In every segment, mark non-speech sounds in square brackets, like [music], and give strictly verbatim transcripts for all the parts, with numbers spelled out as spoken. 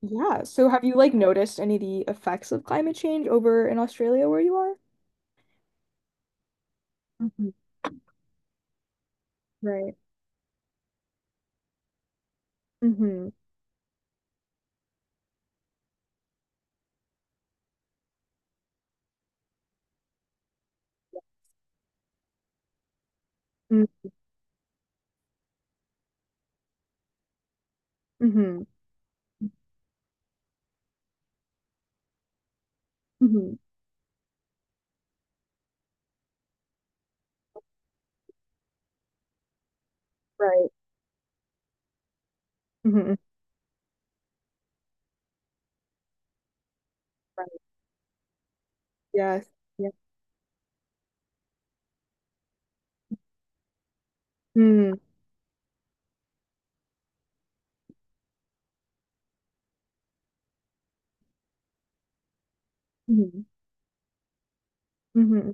Yeah. So have you like noticed any of the effects of climate change over in Australia where you are? Hmm. Right. Mm-hmm. mm, Mm-hmm. Mm-hmm. Right. Mm-hmm. Right. Yes. Yes. Mm-hmm. Mm-hmm. Mm-hmm.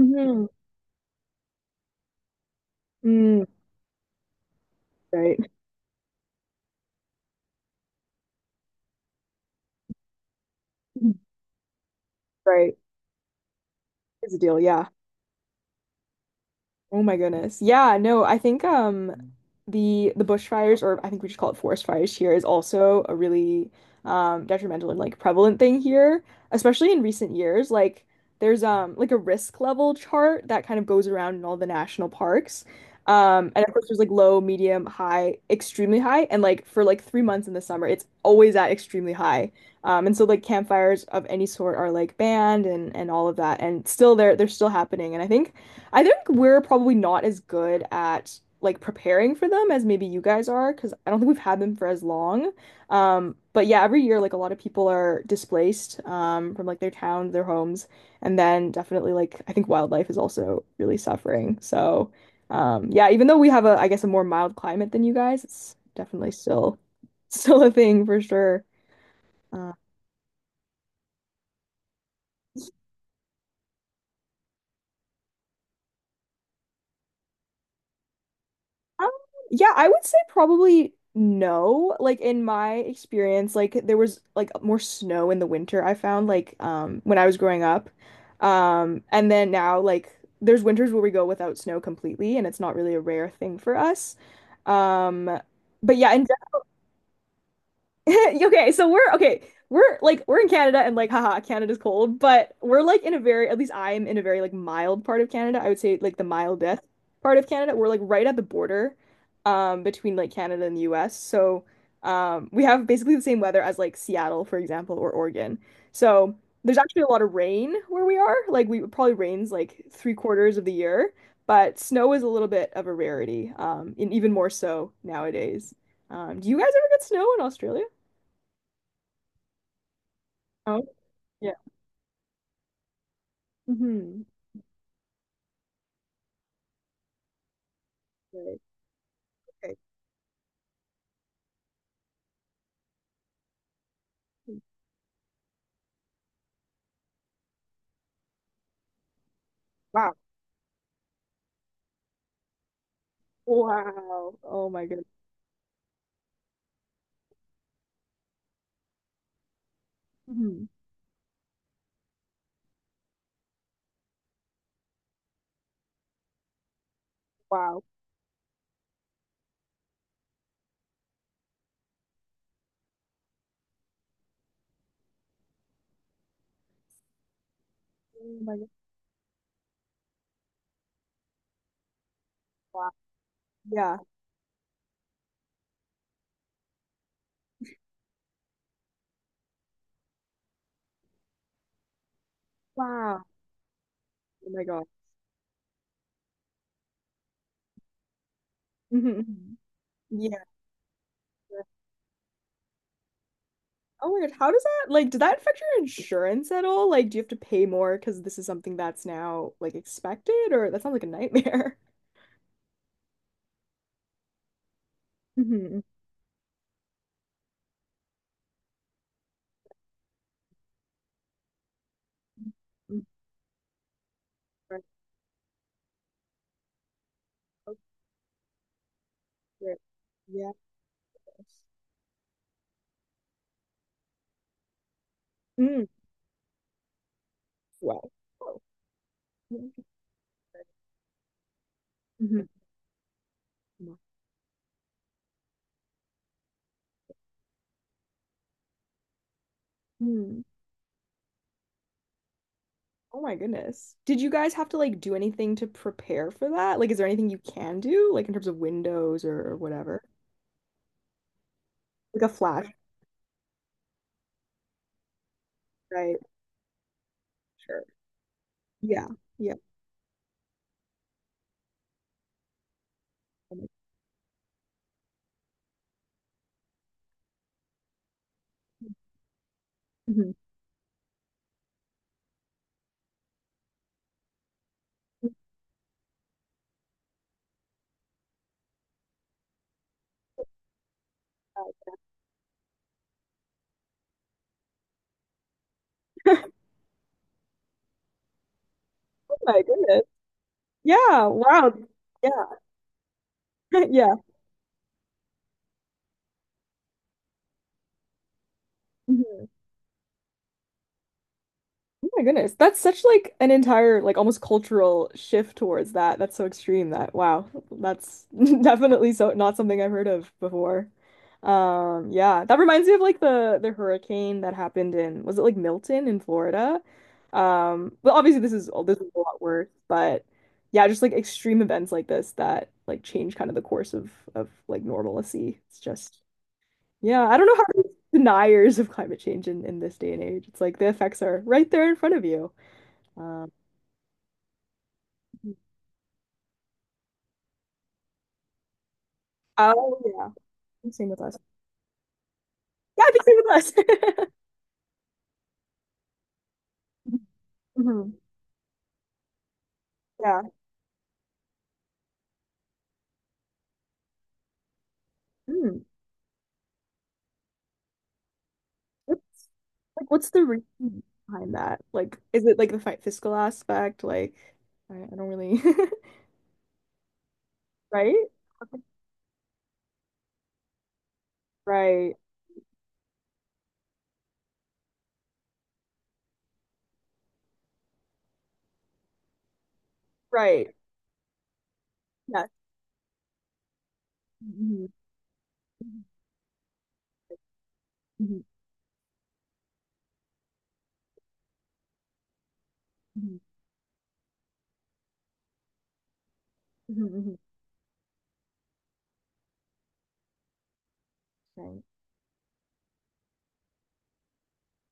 Mm-hmm. mm, Right. Mhm. Right. It's a deal. Yeah. Oh my goodness. Yeah, no, I think um the the bushfires, or I think we just call it forest fires here, is also a really um detrimental and like prevalent thing here, especially in recent years. Like there's um like a risk level chart that kind of goes around in all the national parks. Um, and of course there's like low, medium, high, extremely high, and like for like three months in the summer it's always at extremely high. Um, and so like campfires of any sort are like banned, and and all of that, and still they're they're still happening. And I think I think we're probably not as good at like preparing for them as maybe you guys are, because I don't think we've had them for as long. Um, but yeah, every year like a lot of people are displaced, um, from like their towns, their homes, and then definitely like I think wildlife is also really suffering. So, um, yeah, even though we have a, I guess, a more mild climate than you guys, it's definitely still [laughs] still a thing for sure. Um. Um, yeah, I would say probably no. Like in my experience, like there was like more snow in the winter I found, like, um when I was growing up. Um, and then now like there's winters where we go without snow completely, and it's not really a rare thing for us. Um, but yeah, in [laughs] okay, so we're okay. We're like we're in Canada and like haha, Canada's cold, but we're like in a very, at least I'm in a very like mild part of Canada. I would say like the mildest part of Canada. We're like right at the border, um, between like Canada and the U S. So, um, we have basically the same weather as like Seattle, for example, or Oregon. So there's actually a lot of rain where we are. Like we, it probably rains like three quarters of the year, but snow is a little bit of a rarity, um, and even more so nowadays. Um, do you guys ever get snow in Australia? Oh, yeah. Hmm. Right. Okay. Wow. Wow. Oh my goodness. Hmm. Wow. Oh my God. Wow. Yeah. Wow. Oh my God. Hmm. Yeah. Oh my God. How does that like, did that affect your insurance at all? Like, do you have to pay more because this is something that's now like expected, or that sounds like a nightmare? [laughs] Hmm. Mm. Right. Okay. Yes. Mm. Wow. Oh. Hmm. Mm. Hmm. Oh my goodness. Did you guys have to like do anything to prepare for that? Like, is there anything you can do, like in terms of windows or whatever? Like a flash, right? Sure. Yeah. Yeah. Mhm. [laughs] Oh my goodness. Yeah. Wow. Yeah. [laughs] Yeah. Mhm. Oh my goodness. That's such like an entire like almost cultural shift towards that. That's so extreme that wow. That's [laughs] definitely so not something I've heard of before. Um, yeah, that reminds me of like the the hurricane that happened in, was it like Milton in Florida? Um, well, obviously this is this is a lot worse, but yeah, just like extreme events like this that like change kind of the course of of like normalcy. It's just yeah, I don't know how to be [laughs] deniers of climate change in, in this day and age. It's like the effects are right there in front of you. Um, oh yeah, same with us. Yeah, I think same with us. [laughs] Hmm. Yeah. Hmm. What's, like, what's the reason behind that? Like, is it like the fi fiscal aspect? Like, I, I don't really. [laughs] Right? Right. Right. Yes. Mhm. Mhm. Mhm. Mhm. Mhm. Mhm. Right.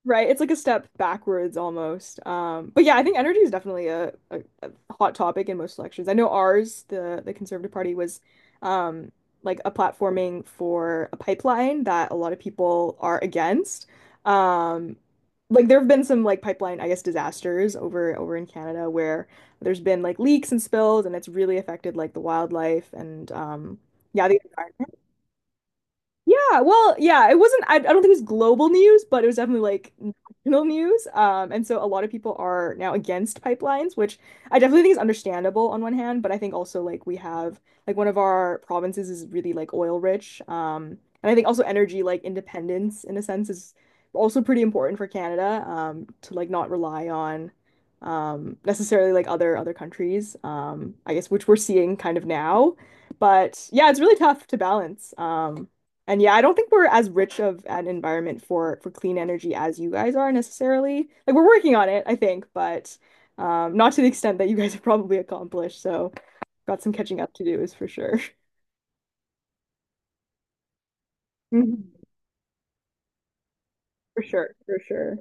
Right, it's like a step backwards almost. Um, but yeah, I think energy is definitely a, a, a hot topic in most elections. I know ours, the the Conservative Party, was, um, like a platforming for a pipeline that a lot of people are against. Um, like there have been some like pipeline, I guess, disasters over over in Canada where there's been like leaks and spills, and it's really affected like the wildlife and, um, yeah, the environment. Yeah, well, yeah, it wasn't, I, I don't think it was global news, but it was definitely like national news. Um, and so a lot of people are now against pipelines, which I definitely think is understandable on one hand, but I think also like we have like one of our provinces is really like oil rich. Um, and I think also energy like independence in a sense is also pretty important for Canada, um, to like not rely on, um, necessarily like other other countries, um, I guess, which we're seeing kind of now. But yeah, it's really tough to balance. Um, and yeah, I don't think we're as rich of an environment for for clean energy as you guys are necessarily. Like we're working on it, I think, but um, not to the extent that you guys [laughs] have probably accomplished. So, got some catching up to do is for sure. [laughs] Mhm. For sure, for sure.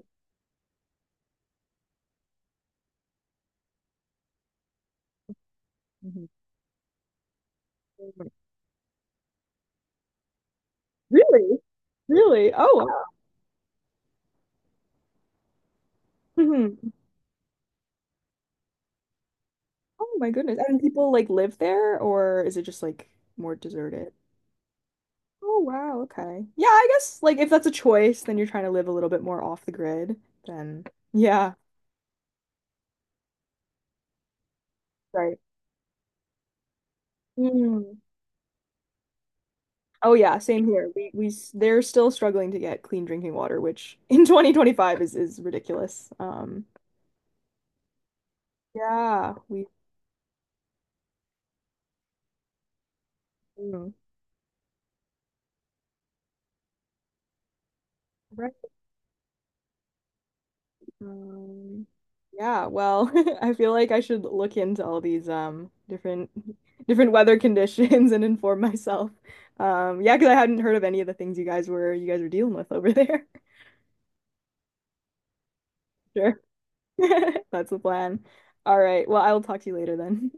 Mhm. Really? Really? Oh, wow. Mhm. Oh my goodness. And people like live there, or is it just like more deserted? Oh wow, okay. Yeah, I guess like if that's a choice, then you're trying to live a little bit more off the grid, then yeah. Right. Oh yeah, same here. We we s- they're still struggling to get clean drinking water, which [laughs] in twenty twenty-five is is ridiculous. Um, yeah, we mm, right. Um, yeah, well, [laughs] I feel like I should look into all these um different different weather [laughs] conditions and inform myself. Um, yeah, because I hadn't heard of any of the things you guys were you guys were dealing with over there. [laughs] Sure. [laughs] That's the plan. All right. Well, I will talk to you later then.